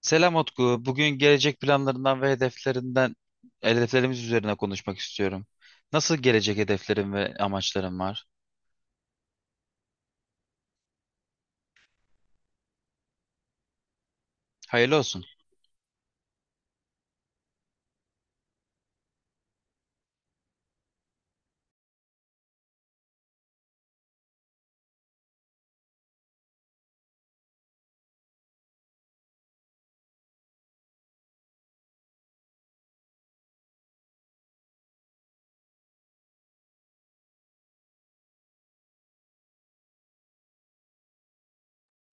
Selam Utku. Bugün gelecek planlarından ve hedeflerimiz üzerine konuşmak istiyorum. Nasıl gelecek hedeflerim ve amaçlarım var? Hayırlı olsun.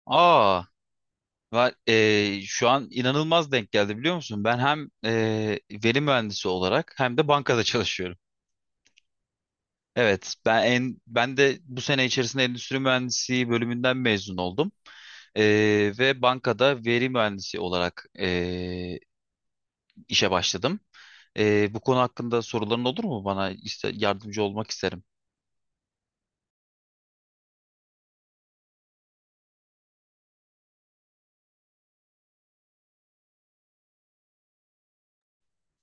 Aa, şu an inanılmaz denk geldi biliyor musun? Ben hem veri mühendisi olarak hem de bankada çalışıyorum. Evet, ben de bu sene içerisinde endüstri mühendisliği bölümünden mezun oldum. E, Ve bankada veri mühendisi olarak işe başladım. Bu konu hakkında soruların olur mu bana? Yardımcı olmak isterim.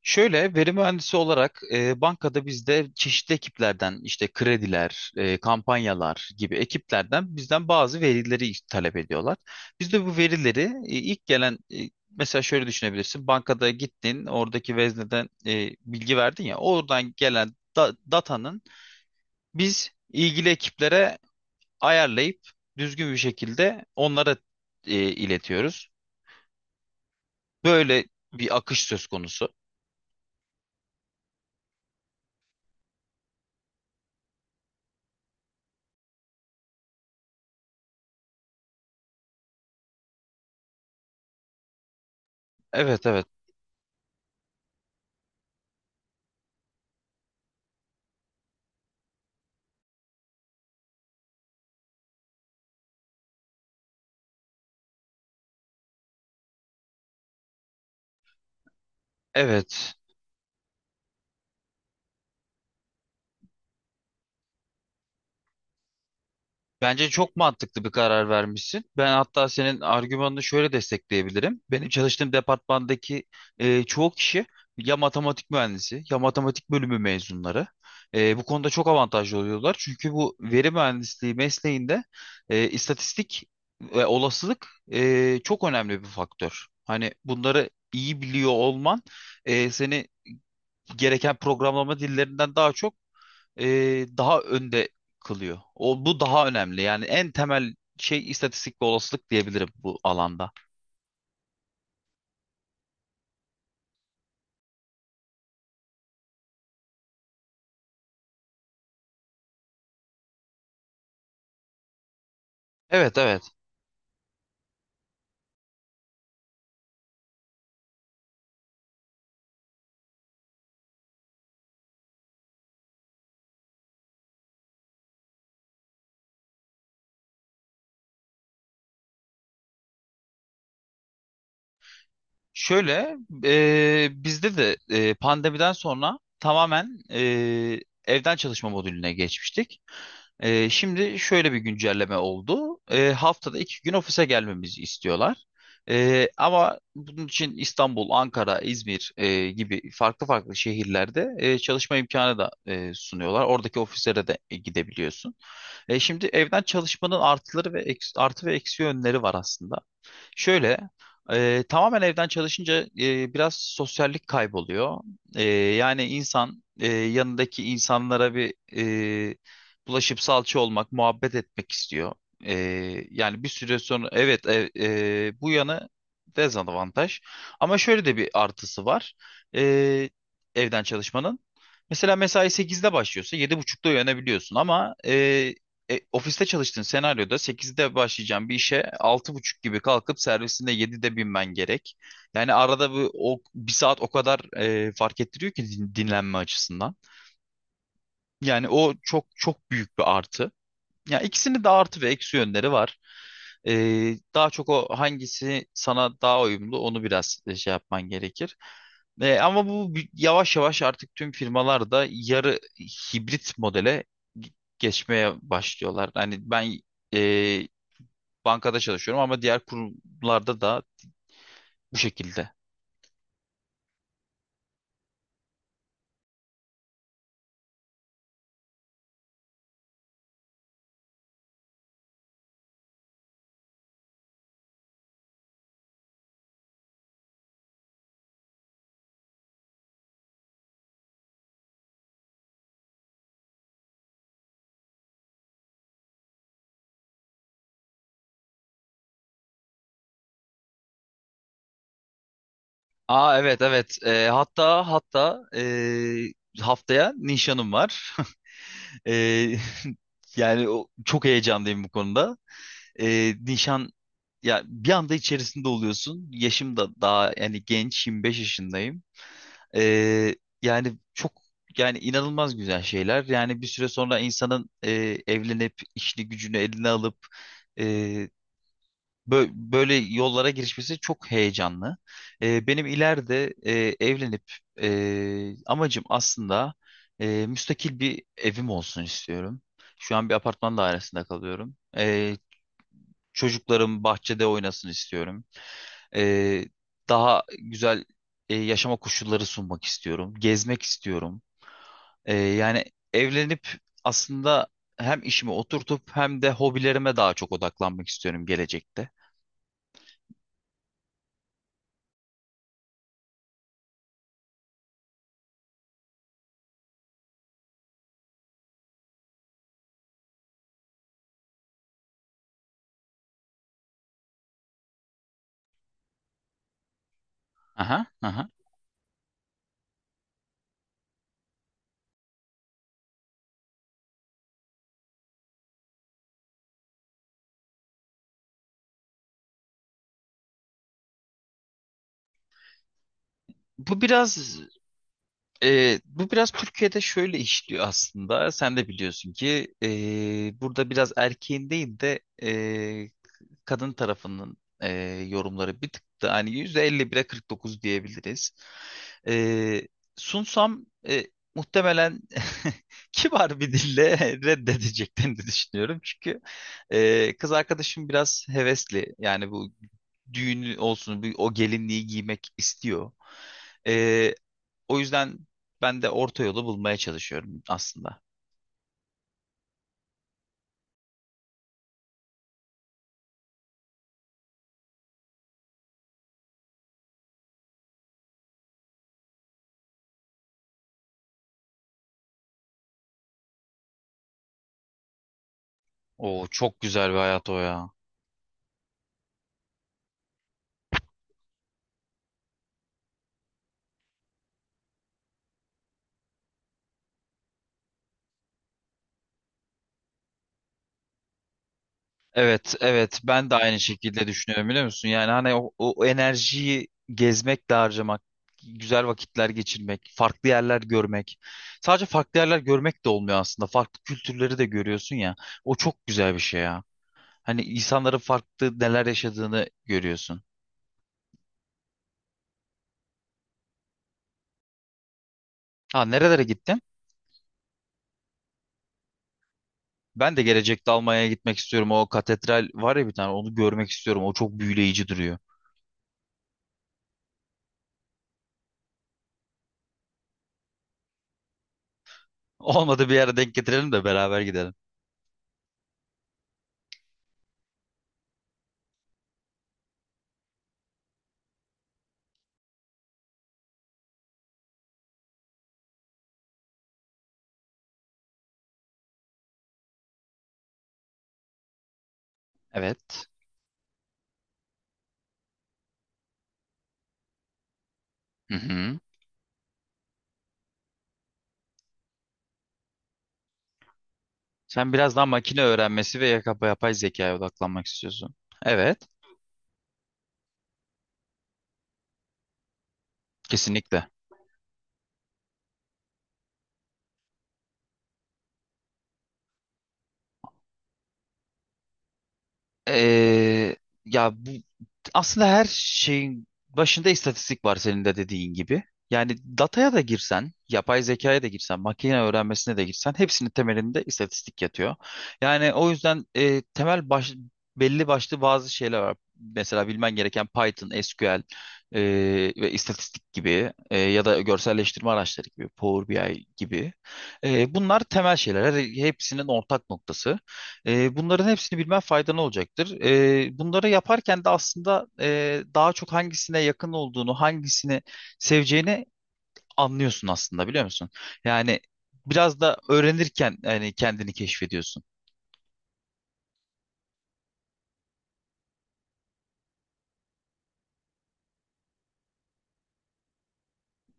Şöyle, veri mühendisi olarak bankada bizde çeşitli ekiplerden işte krediler, kampanyalar gibi ekiplerden bizden bazı verileri talep ediyorlar. Biz de bu verileri ilk gelen, mesela şöyle düşünebilirsin. Bankada gittin, oradaki vezneden bilgi verdin ya, oradan gelen datanın biz ilgili ekiplere ayarlayıp düzgün bir şekilde onlara iletiyoruz. Böyle bir akış söz konusu. Evet, evet. Evet. Bence çok mantıklı bir karar vermişsin. Ben hatta senin argümanını şöyle destekleyebilirim. Benim çalıştığım departmandaki çoğu kişi ya matematik mühendisi ya matematik bölümü mezunları. Bu konuda çok avantajlı oluyorlar. Çünkü bu veri mühendisliği mesleğinde istatistik ve olasılık çok önemli bir faktör. Hani bunları iyi biliyor olman seni gereken programlama dillerinden daha çok, e, daha önde kılıyor. O, bu daha önemli. Yani en temel şey istatistik ve olasılık diyebilirim bu alanda. Evet, evet. Şöyle Bizde de pandemiden sonra tamamen evden çalışma modülüne geçmiştik. Şimdi şöyle bir güncelleme oldu. Haftada iki gün ofise gelmemizi istiyorlar. Ama bunun için İstanbul, Ankara, İzmir gibi farklı farklı şehirlerde çalışma imkanı da sunuyorlar. Oradaki ofislere de gidebiliyorsun. Şimdi evden çalışmanın artı ve eksi yönleri var aslında. Şöyle Tamamen evden çalışınca biraz sosyallik kayboluyor. Yani insan yanındaki insanlara e, bulaşıp salça olmak, muhabbet etmek istiyor. E, Yani bir süre sonra, evet, bu yanı dezavantaj. Ama şöyle de bir artısı var e, evden çalışmanın. Mesela mesai 8'de başlıyorsa yedi buçukta uyanabiliyorsun, ama ofiste çalıştığın senaryoda 8'de başlayacağım bir işe altı buçuk gibi kalkıp servisinde 7'de binmen gerek. Yani arada bir saat o kadar fark ettiriyor ki dinlenme açısından. Yani o çok çok büyük bir artı. Ya ikisinin de artı ve eksi yönleri var. Daha çok o hangisi sana daha uyumlu onu biraz şey yapman gerekir. Ama yavaş yavaş artık tüm firmalar da yarı hibrit modele ge- geçmeye başlıyorlar. Hani ben e, bankada çalışıyorum ama diğer kurumlarda da bu şekilde. Aa, evet, evet. Hatta haftaya nişanım var. Ee, çok heyecanlıyım bu konuda. Nişan, ya, bir anda içerisinde oluyorsun. Yaşım da daha, yani genç, 25 yaşındayım. E, yani çok yani inanılmaz güzel şeyler. Yani bir süre sonra insanın evlenip işini gücünü eline alıp e, böyle yollara girişmesi çok heyecanlı. Benim ileride evlenip, amacım aslında müstakil bir evim olsun istiyorum. Şu an bir apartman dairesinde kalıyorum. Çocuklarım bahçede oynasın istiyorum. Ee, Daha güzel yaşama koşulları sunmak istiyorum. Gezmek istiyorum. Yani evlenip aslında hem işimi oturtup hem de hobilerime daha çok odaklanmak istiyorum gelecekte. Aha, aha. Bu biraz Bu biraz Türkiye'de şöyle işliyor aslında. Sen de biliyorsun ki burada biraz erkeğin değil de, kadın tarafının yorumları bir tık da hani %51'e 49 diyebiliriz. E, Sunsam, muhtemelen kibar bir dille reddedeceklerini düşünüyorum. Çünkü kız arkadaşım biraz hevesli. Yani bu düğünü olsun, o gelinliği giymek istiyor. E, O yüzden ben de orta yolu bulmaya çalışıyorum aslında. O çok güzel bir hayat, o ya. Evet, evet. Ben de aynı şekilde düşünüyorum, biliyor musun? Yani hani o enerjiyi gezmek de harcamak, güzel vakitler geçirmek, farklı yerler görmek. Sadece farklı yerler görmek de olmuyor aslında. Farklı kültürleri de görüyorsun ya. O çok güzel bir şey ya. Hani insanların farklı neler yaşadığını görüyorsun. Ha, nerelere gittin? Ben de gelecekte Almanya'ya gitmek istiyorum. O katedral var ya bir tane, onu görmek istiyorum. O çok büyüleyici duruyor. Olmadı bir yere denk getirelim de beraber gidelim. Evet. Hı hı. Sen biraz daha makine öğrenmesi ve yapay zekaya odaklanmak istiyorsun. Evet, kesinlikle. Ee, Ya bu aslında her şeyin başında istatistik var, senin de dediğin gibi. Yani dataya da girsen, yapay zekaya da girsen, makine öğrenmesine de girsen hepsinin temelinde istatistik yatıyor. Yani o yüzden belli başlı bazı şeyler var. Mesela bilmen gereken Python, SQL e, ve istatistik gibi, ya da görselleştirme araçları gibi, Power BI gibi. Bunlar temel şeyler. Hepsinin ortak noktası. Bunların hepsini bilmen faydalı olacaktır. Bunları yaparken de aslında daha çok hangisine yakın olduğunu, hangisini seveceğini anlıyorsun aslında, biliyor musun? Yani biraz da öğrenirken, yani kendini keşfediyorsun.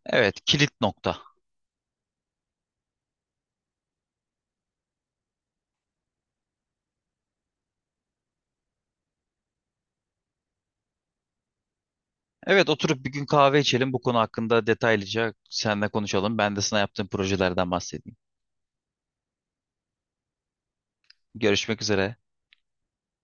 Evet, kilit nokta. Evet, oturup bir gün kahve içelim, bu konu hakkında detaylıca seninle konuşalım. Ben de sana yaptığım projelerden bahsedeyim. Görüşmek üzere.